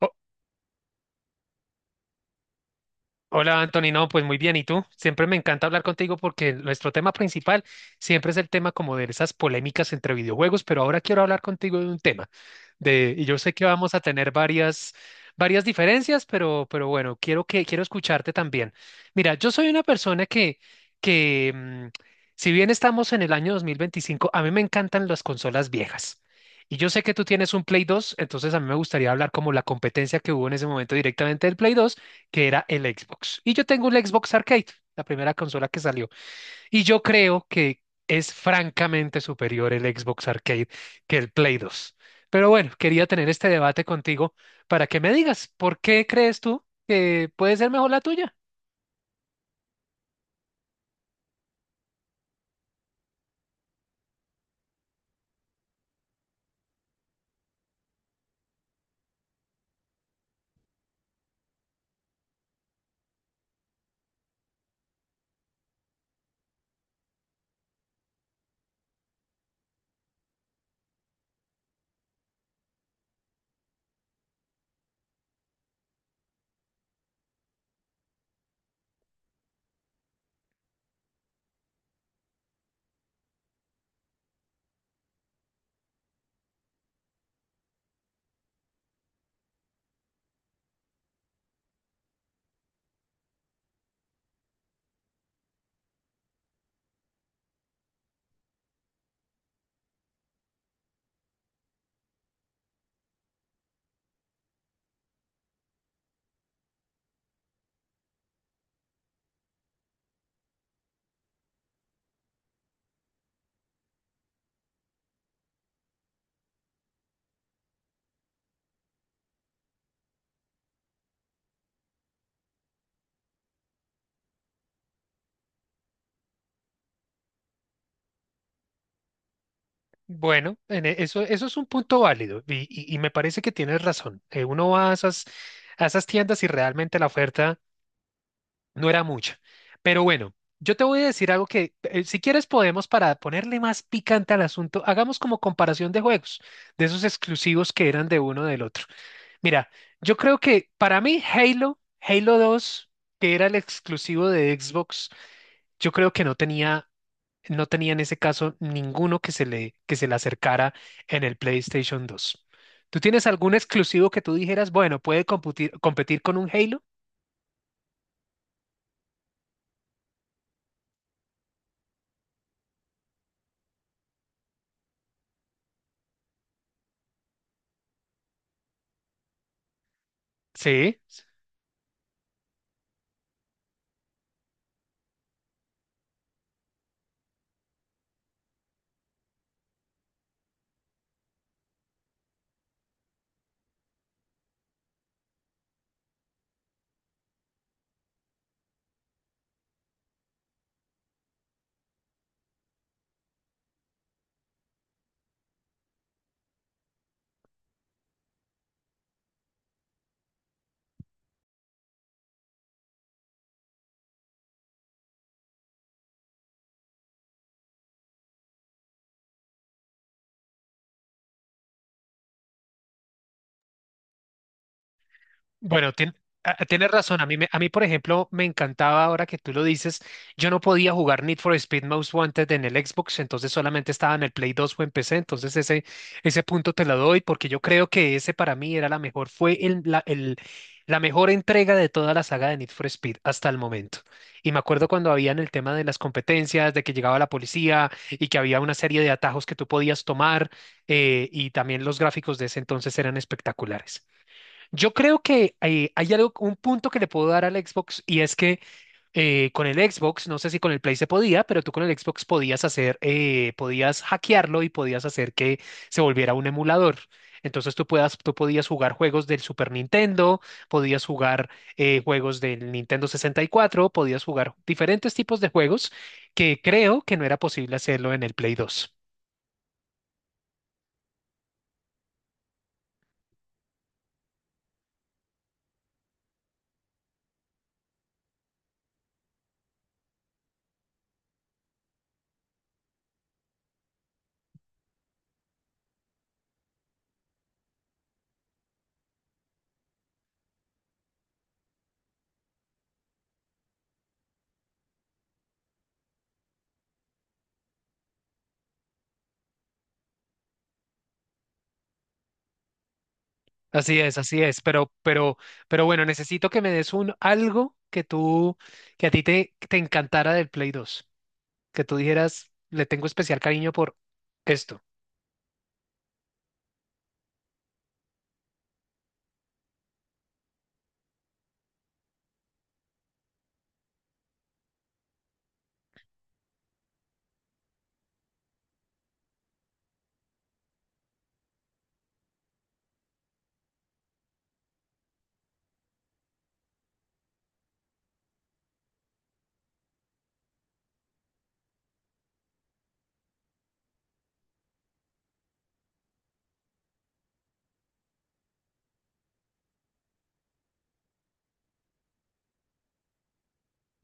Ho- Hola Anthony, no, pues muy bien, ¿y tú? Siempre me encanta hablar contigo porque nuestro tema principal siempre es el tema como de esas polémicas entre videojuegos, pero ahora quiero hablar contigo de un tema y yo sé que vamos a tener varias diferencias, pero bueno, quiero escucharte también. Mira, yo soy una persona que, si bien estamos en el año 2025, a mí me encantan las consolas viejas. Y yo sé que tú tienes un Play 2. Entonces a mí me gustaría hablar como la competencia que hubo en ese momento directamente del Play dos, que era el Xbox. Y yo tengo un Xbox Arcade, la primera consola que salió. Y yo creo que es francamente superior el Xbox Arcade que el Play dos. Pero bueno, quería tener este debate contigo para que me digas, ¿por qué crees tú que puede ser mejor la tuya? Bueno, en eso, eso es un punto válido y, y me parece que tienes razón. Uno va a a esas tiendas y realmente la oferta no era mucho. Pero bueno, yo te voy a decir algo que, si quieres, podemos, para ponerle más picante al asunto, hagamos como comparación de juegos, de esos exclusivos que eran de uno del otro. Mira, yo creo que para mí Halo, Halo 2, que era el exclusivo de Xbox, yo creo que no tenía en ese caso ninguno que que se le acercara en el PlayStation 2. ¿Tú tienes algún exclusivo que tú dijeras, bueno, puede competir con un Halo? Sí, sí. Bueno, tienes razón. A mí, a mí, por ejemplo, me encantaba ahora que tú lo dices. Yo no podía jugar Need for Speed Most Wanted en el Xbox, entonces solamente estaba en el Play 2 o en PC. Ese punto te lo doy porque yo creo que ese para mí era la mejor, fue la mejor entrega de toda la saga de Need for Speed hasta el momento. Y me acuerdo cuando habían el tema de las competencias, de que llegaba la policía y que había una serie de atajos que tú podías tomar, y también los gráficos de ese entonces eran espectaculares. Yo creo que hay algo, un punto que le puedo dar al Xbox, y es que con el Xbox, no sé si con el Play se podía, pero tú con el Xbox podías hacer, podías hackearlo y podías hacer que se volviera un emulador. Tú podías jugar juegos del Super Nintendo, podías jugar, juegos del Nintendo 64, podías jugar diferentes tipos de juegos que creo que no era posible hacerlo en el Play 2. Así es, pero bueno, necesito que me des un algo que a ti te encantara del Play 2, que tú dijeras, le tengo especial cariño por esto.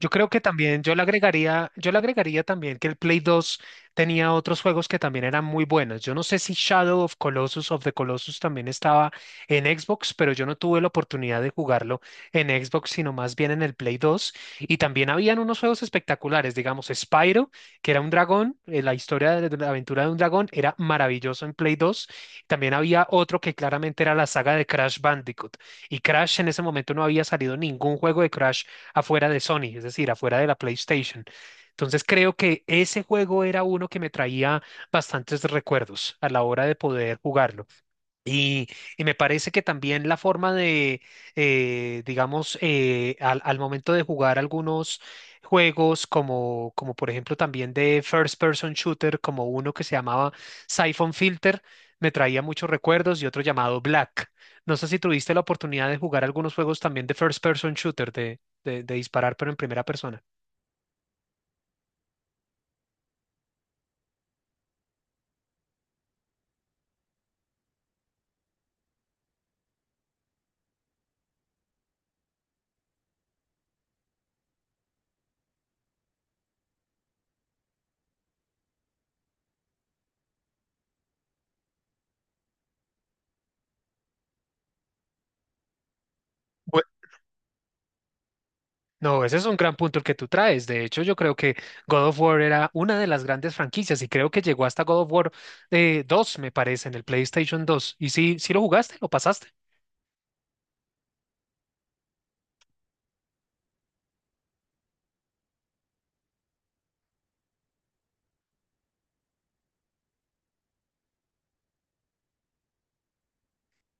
Yo creo que también, yo le agregaría también que el Play 2 tenía otros juegos que también eran muy buenos. Yo no sé si Shadow of the Colossus también estaba en Xbox, pero yo no tuve la oportunidad de jugarlo en Xbox, sino más bien en el Play 2. Y también habían unos juegos espectaculares, digamos Spyro, que era un dragón, la historia de la aventura de un dragón era maravilloso en Play 2. También había otro que claramente era la saga de Crash Bandicoot. Y Crash en ese momento no había salido ningún juego de Crash afuera de Sony, es decir, afuera de la PlayStation. Entonces creo que ese juego era uno que me traía bastantes recuerdos a la hora de poder jugarlo. Y, y me parece que también la forma de, digamos, al momento de jugar algunos juegos, como, como por ejemplo también de First Person Shooter, como uno que se llamaba Siphon Filter, me traía muchos recuerdos y otro llamado Black. No sé si tuviste la oportunidad de jugar algunos juegos también de First Person Shooter, de disparar pero en primera persona. No, ese es un gran punto el que tú traes. De hecho, yo creo que God of War era una de las grandes franquicias y creo que llegó hasta God of War, 2, me parece, en el PlayStation 2. ¿Y si lo jugaste? ¿Lo pasaste?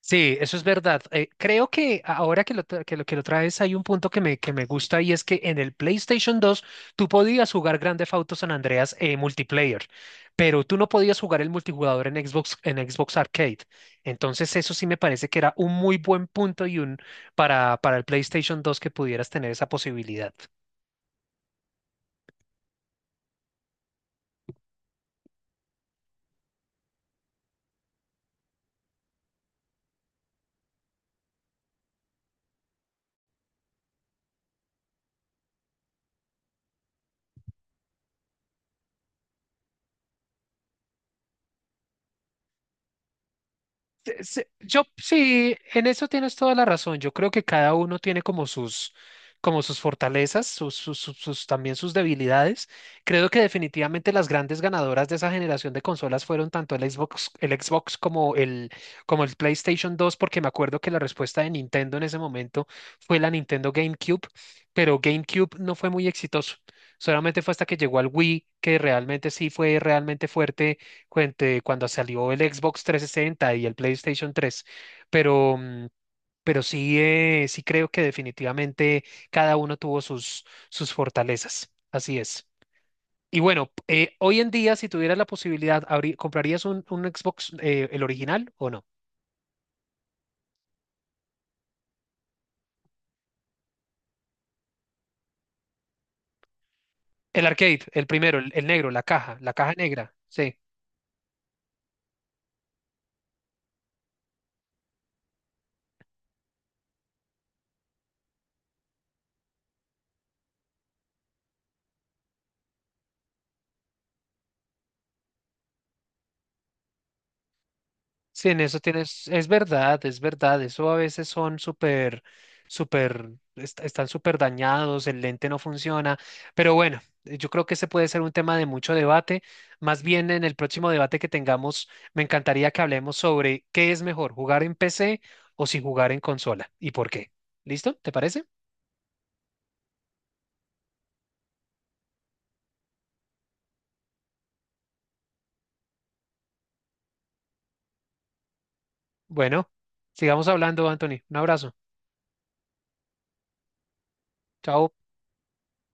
Sí, eso es verdad. Creo que ahora que lo traes hay un punto que me gusta, y es que en el PlayStation 2 tú podías jugar Grand Theft Auto San Andreas, multiplayer, pero tú no podías jugar el multijugador en Xbox Arcade. Entonces eso sí me parece que era un muy buen punto para el PlayStation dos, que pudieras tener esa posibilidad. Yo sí, en eso tienes toda la razón. Yo creo que cada uno tiene como como sus fortalezas, también sus debilidades. Creo que definitivamente las grandes ganadoras de esa generación de consolas fueron tanto el Xbox como como el PlayStation 2, porque me acuerdo que la respuesta de Nintendo en ese momento fue la Nintendo GameCube, pero GameCube no fue muy exitoso. Solamente fue hasta que llegó al Wii que realmente sí fue realmente fuerte cuando salió el Xbox 360 y el PlayStation 3, pero, sí, sí creo que definitivamente cada uno tuvo sus fortalezas. Así es. Y bueno, hoy en día, si tuvieras la posibilidad, ¿comprarías un Xbox, el original o no? El arcade, el primero, el negro, la caja negra. Sí. Sí, en eso tienes, es verdad, eso a veces son súper, están súper dañados, el lente no funciona, pero bueno, yo creo que ese puede ser un tema de mucho debate, más bien en el próximo debate que tengamos. Me encantaría que hablemos sobre qué es mejor, jugar en PC o si jugar en consola, y por qué. ¿Listo? ¿Te parece? Bueno, sigamos hablando, Anthony, un abrazo, chao.